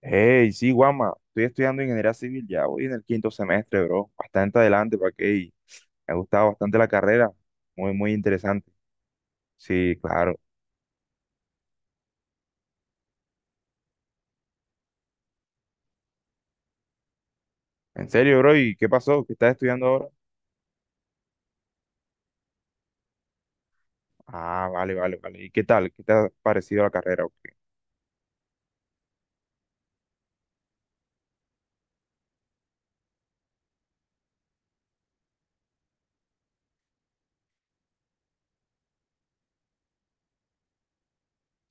Hey, sí, Guama, estoy estudiando ingeniería civil, ya voy en el quinto semestre, bro. Bastante adelante, para que me ha gustado bastante la carrera, muy, muy interesante. Sí, claro. En serio, bro, ¿y qué pasó? ¿Qué estás estudiando ahora? Ah, vale, vale, vale. ¿Y qué tal? ¿Qué te ha parecido la carrera? O qué?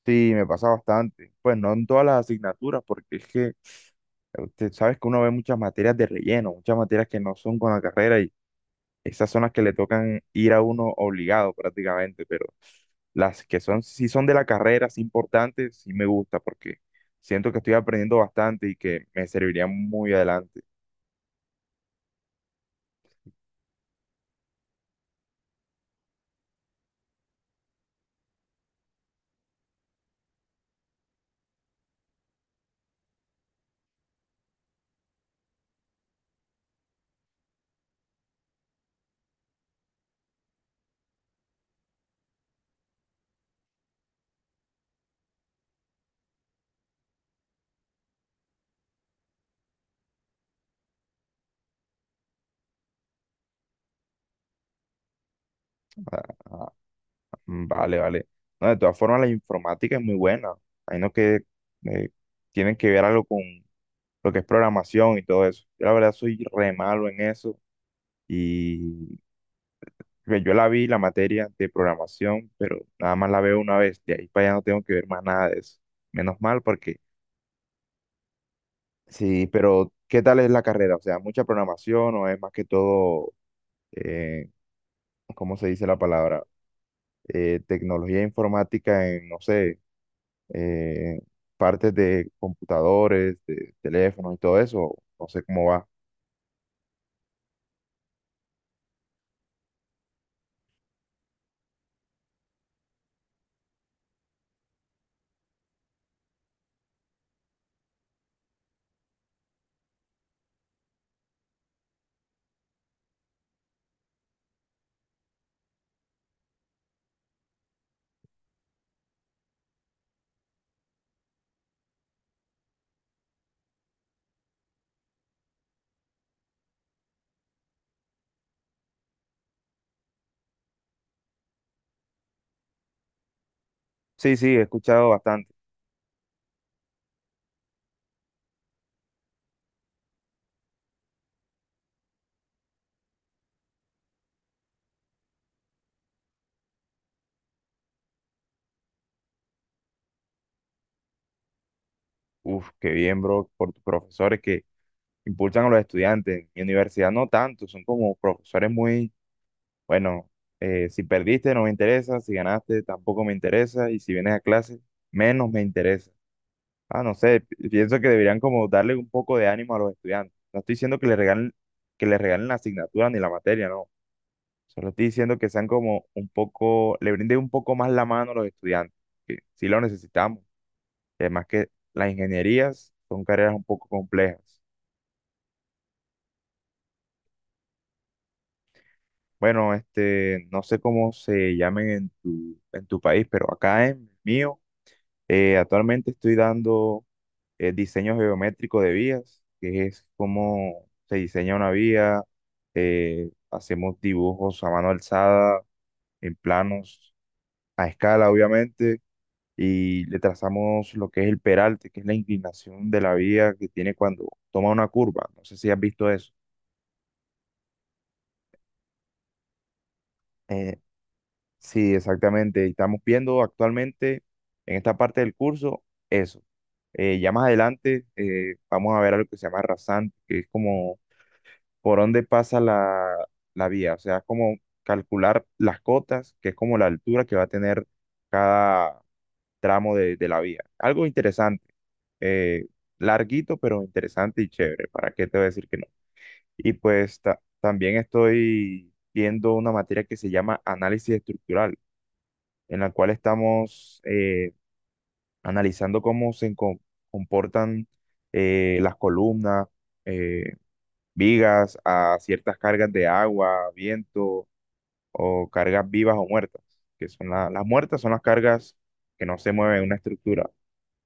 Sí, me pasa bastante. Pues no en todas las asignaturas, porque es que usted sabes que uno ve muchas materias de relleno, muchas materias que no son con la carrera y esas son las que le tocan ir a uno obligado prácticamente, pero las que son, si son de la carrera, sí importantes, sí me gusta porque siento que estoy aprendiendo bastante y que me serviría muy adelante. Mm, vale, vale. No, de todas formas, la informática es muy buena. Hay no que eh, tienen que ver algo con lo que es programación y todo eso. Yo la verdad soy re malo en eso y pues, yo la vi, la materia de programación, pero nada más la veo una vez. De ahí para allá no tengo que ver más nada de eso. Menos mal porque... Sí, pero ¿qué tal es la carrera? O sea, ¿mucha programación o es más que todo, eh, ¿cómo se dice la palabra? Tecnología informática en, no sé, eh, partes de computadores, de teléfonos y todo eso. No sé cómo va. Sí, sí, he escuchado bastante. Uf, qué bien, bro, por tus profesores que impulsan a los estudiantes. Mi universidad no tanto, son como profesores muy, bueno, si perdiste no me interesa, si ganaste tampoco me interesa y si vienes a clase menos me interesa. Ah, no sé, pienso que deberían como darle un poco de ánimo a los estudiantes. No estoy diciendo que les regalen la asignatura ni la materia, no. Solo estoy diciendo que sean como un poco, le brinden un poco más la mano a los estudiantes, que sí lo necesitamos. Y además que las ingenierías son carreras un poco complejas. Bueno, este, no sé cómo se llamen en tu país, pero acá en el mío, actualmente estoy dando diseño geométrico de vías, que es cómo se diseña una vía, hacemos dibujos a mano alzada, en planos, a escala obviamente, y le trazamos lo que es el peralte, que es la inclinación de la vía que tiene cuando toma una curva. No sé si has visto eso. Eh, Sí, exactamente. Estamos viendo actualmente en esta parte del curso eso. Ya más adelante vamos a ver algo que se llama rasante, que es como por dónde pasa la vía, o sea, como calcular las cotas, que es como la altura que va a tener cada tramo de la vía. Algo interesante, eh, larguito, pero interesante y chévere, ¿para qué te voy a decir que no? Y pues también estoy viendo una materia que se llama análisis estructural, en la cual estamos analizando cómo se comportan las columnas, eh, vigas a ciertas cargas de agua, viento o cargas vivas o muertas, que son las muertas son las cargas que no se mueven en una estructura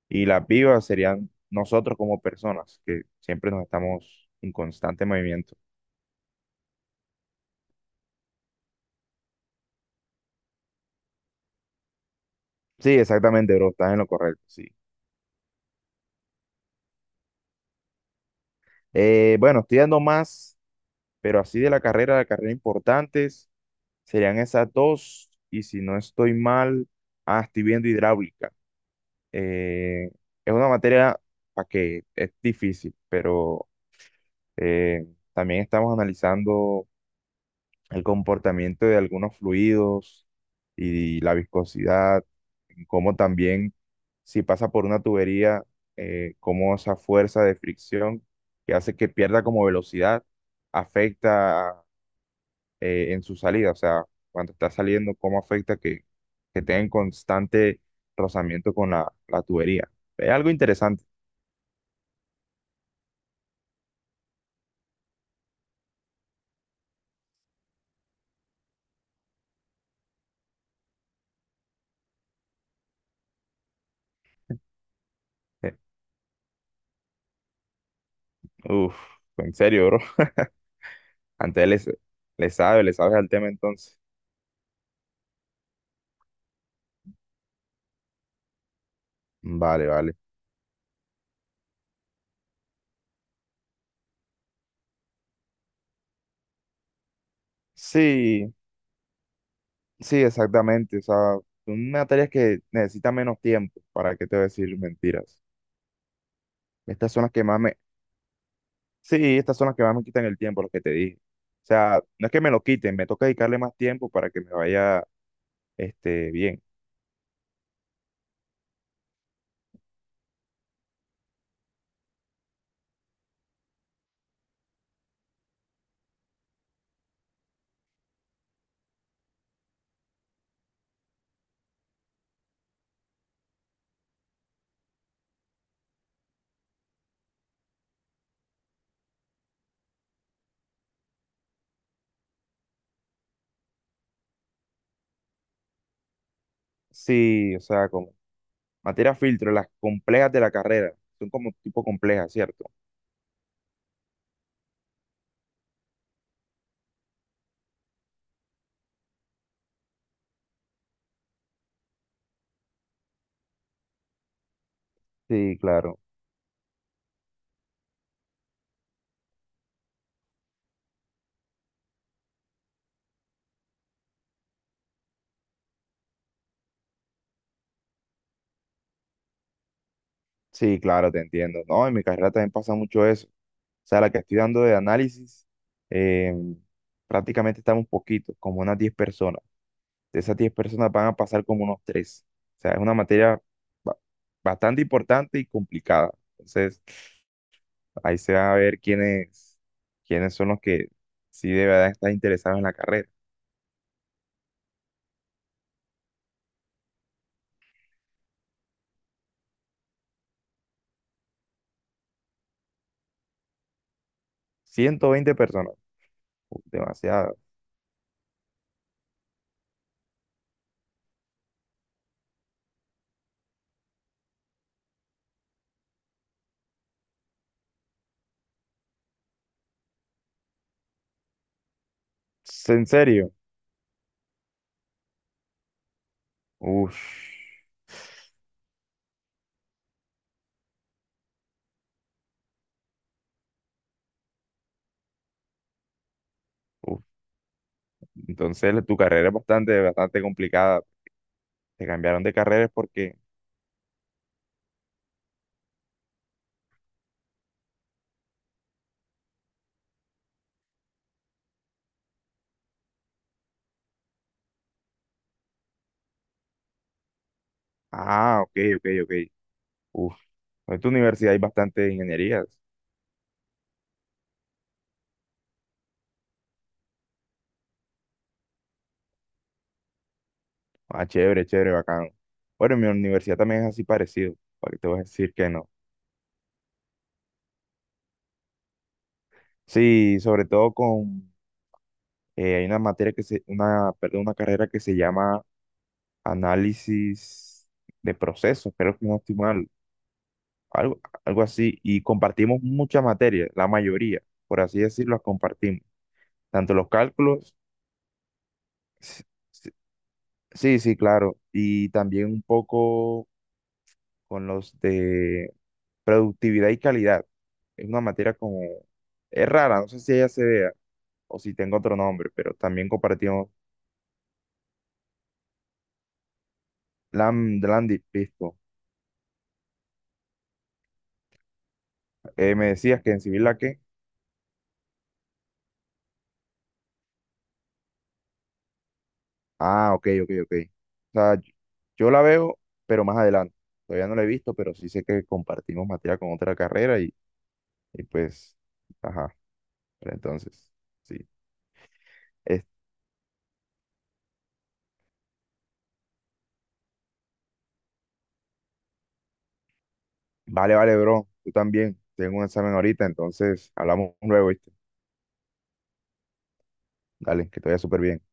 y las vivas serían nosotros como personas, que siempre nos estamos en constante movimiento. Sí, exactamente, bro, estás en lo correcto, sí. Bueno, estoy dando más, pero así de la carrera importantes serían esas dos y si no estoy mal, ah, estoy viendo hidráulica. Eh, es una materia para que es difícil, pero eh, también estamos analizando el comportamiento de algunos fluidos y la viscosidad, como también si pasa por una tubería, cómo esa fuerza de fricción que hace que pierda como velocidad afecta en su salida, o sea, cuando está saliendo, cómo afecta que, tenga en constante rozamiento con la tubería. Es algo interesante. Eh, Uf, en serio, bro. Antes le sabes al tema entonces. Vale, vale. Sí, sí, exactamente. O sea, son materias que necesitan menos tiempo. ¿Para qué te voy a decir mentiras? Estas son las que más me... Sí, estas son las que más me quitan el tiempo, las que te dije. O sea, no es que me lo quiten, me toca dedicarle más tiempo para que me vaya, este, bien. Sí, o sea, como materias filtro, las complejas de la carrera. Son como tipo complejas, ¿cierto? Sí, claro. Sí, claro, te entiendo. No, en mi carrera también pasa mucho eso. O sea, la que estoy dando de análisis, em, prácticamente estamos poquitos, como unas 10 personas. De esas 10 personas van a pasar como unos tres. O sea, es una materia ba- bastante importante y complicada. Entonces, ahí se va a ver quiénes son los que sí de verdad están interesados en la carrera. 120 personas, uf, demasiado. En serio, uf, uf. Entonces, tu carrera es bastante, bastante complicada. Te cambiaron de carreras porque, ah, ok, ok, ok. Uf, en tu universidad hay bastantes ingenierías. Ah, chévere, chévere, bacano. Bueno, en mi universidad también es así parecido, para que te voy a decir que no. Sí, sobre todo con, hay una materia que se, una, perdón, una carrera que se llama análisis de procesos, creo que no estoy mal, algo, algo así, y compartimos muchas materias, la mayoría, por así decirlo, las compartimos, tanto los cálculos, s- s- sí, sí, claro, y también un poco con los de Productividad y calidad. Es una materia como... Es rara, no sé si ella se vea o si tengo otro nombre, pero también compartimos... Lam, Landy, listo. Me decías que en civil la que... Ah, ok, ok, ok. O sea, yo la veo, pero más adelante. Todavía no la he visto, pero sí sé que compartimos materia con otra carrera y pues... Ajá, pero entonces, sí. Es- vale, vale, bro. Tú también. Tengo un examen ahorita, entonces hablamos luego, ¿viste? Dale, que te vaya súper bien.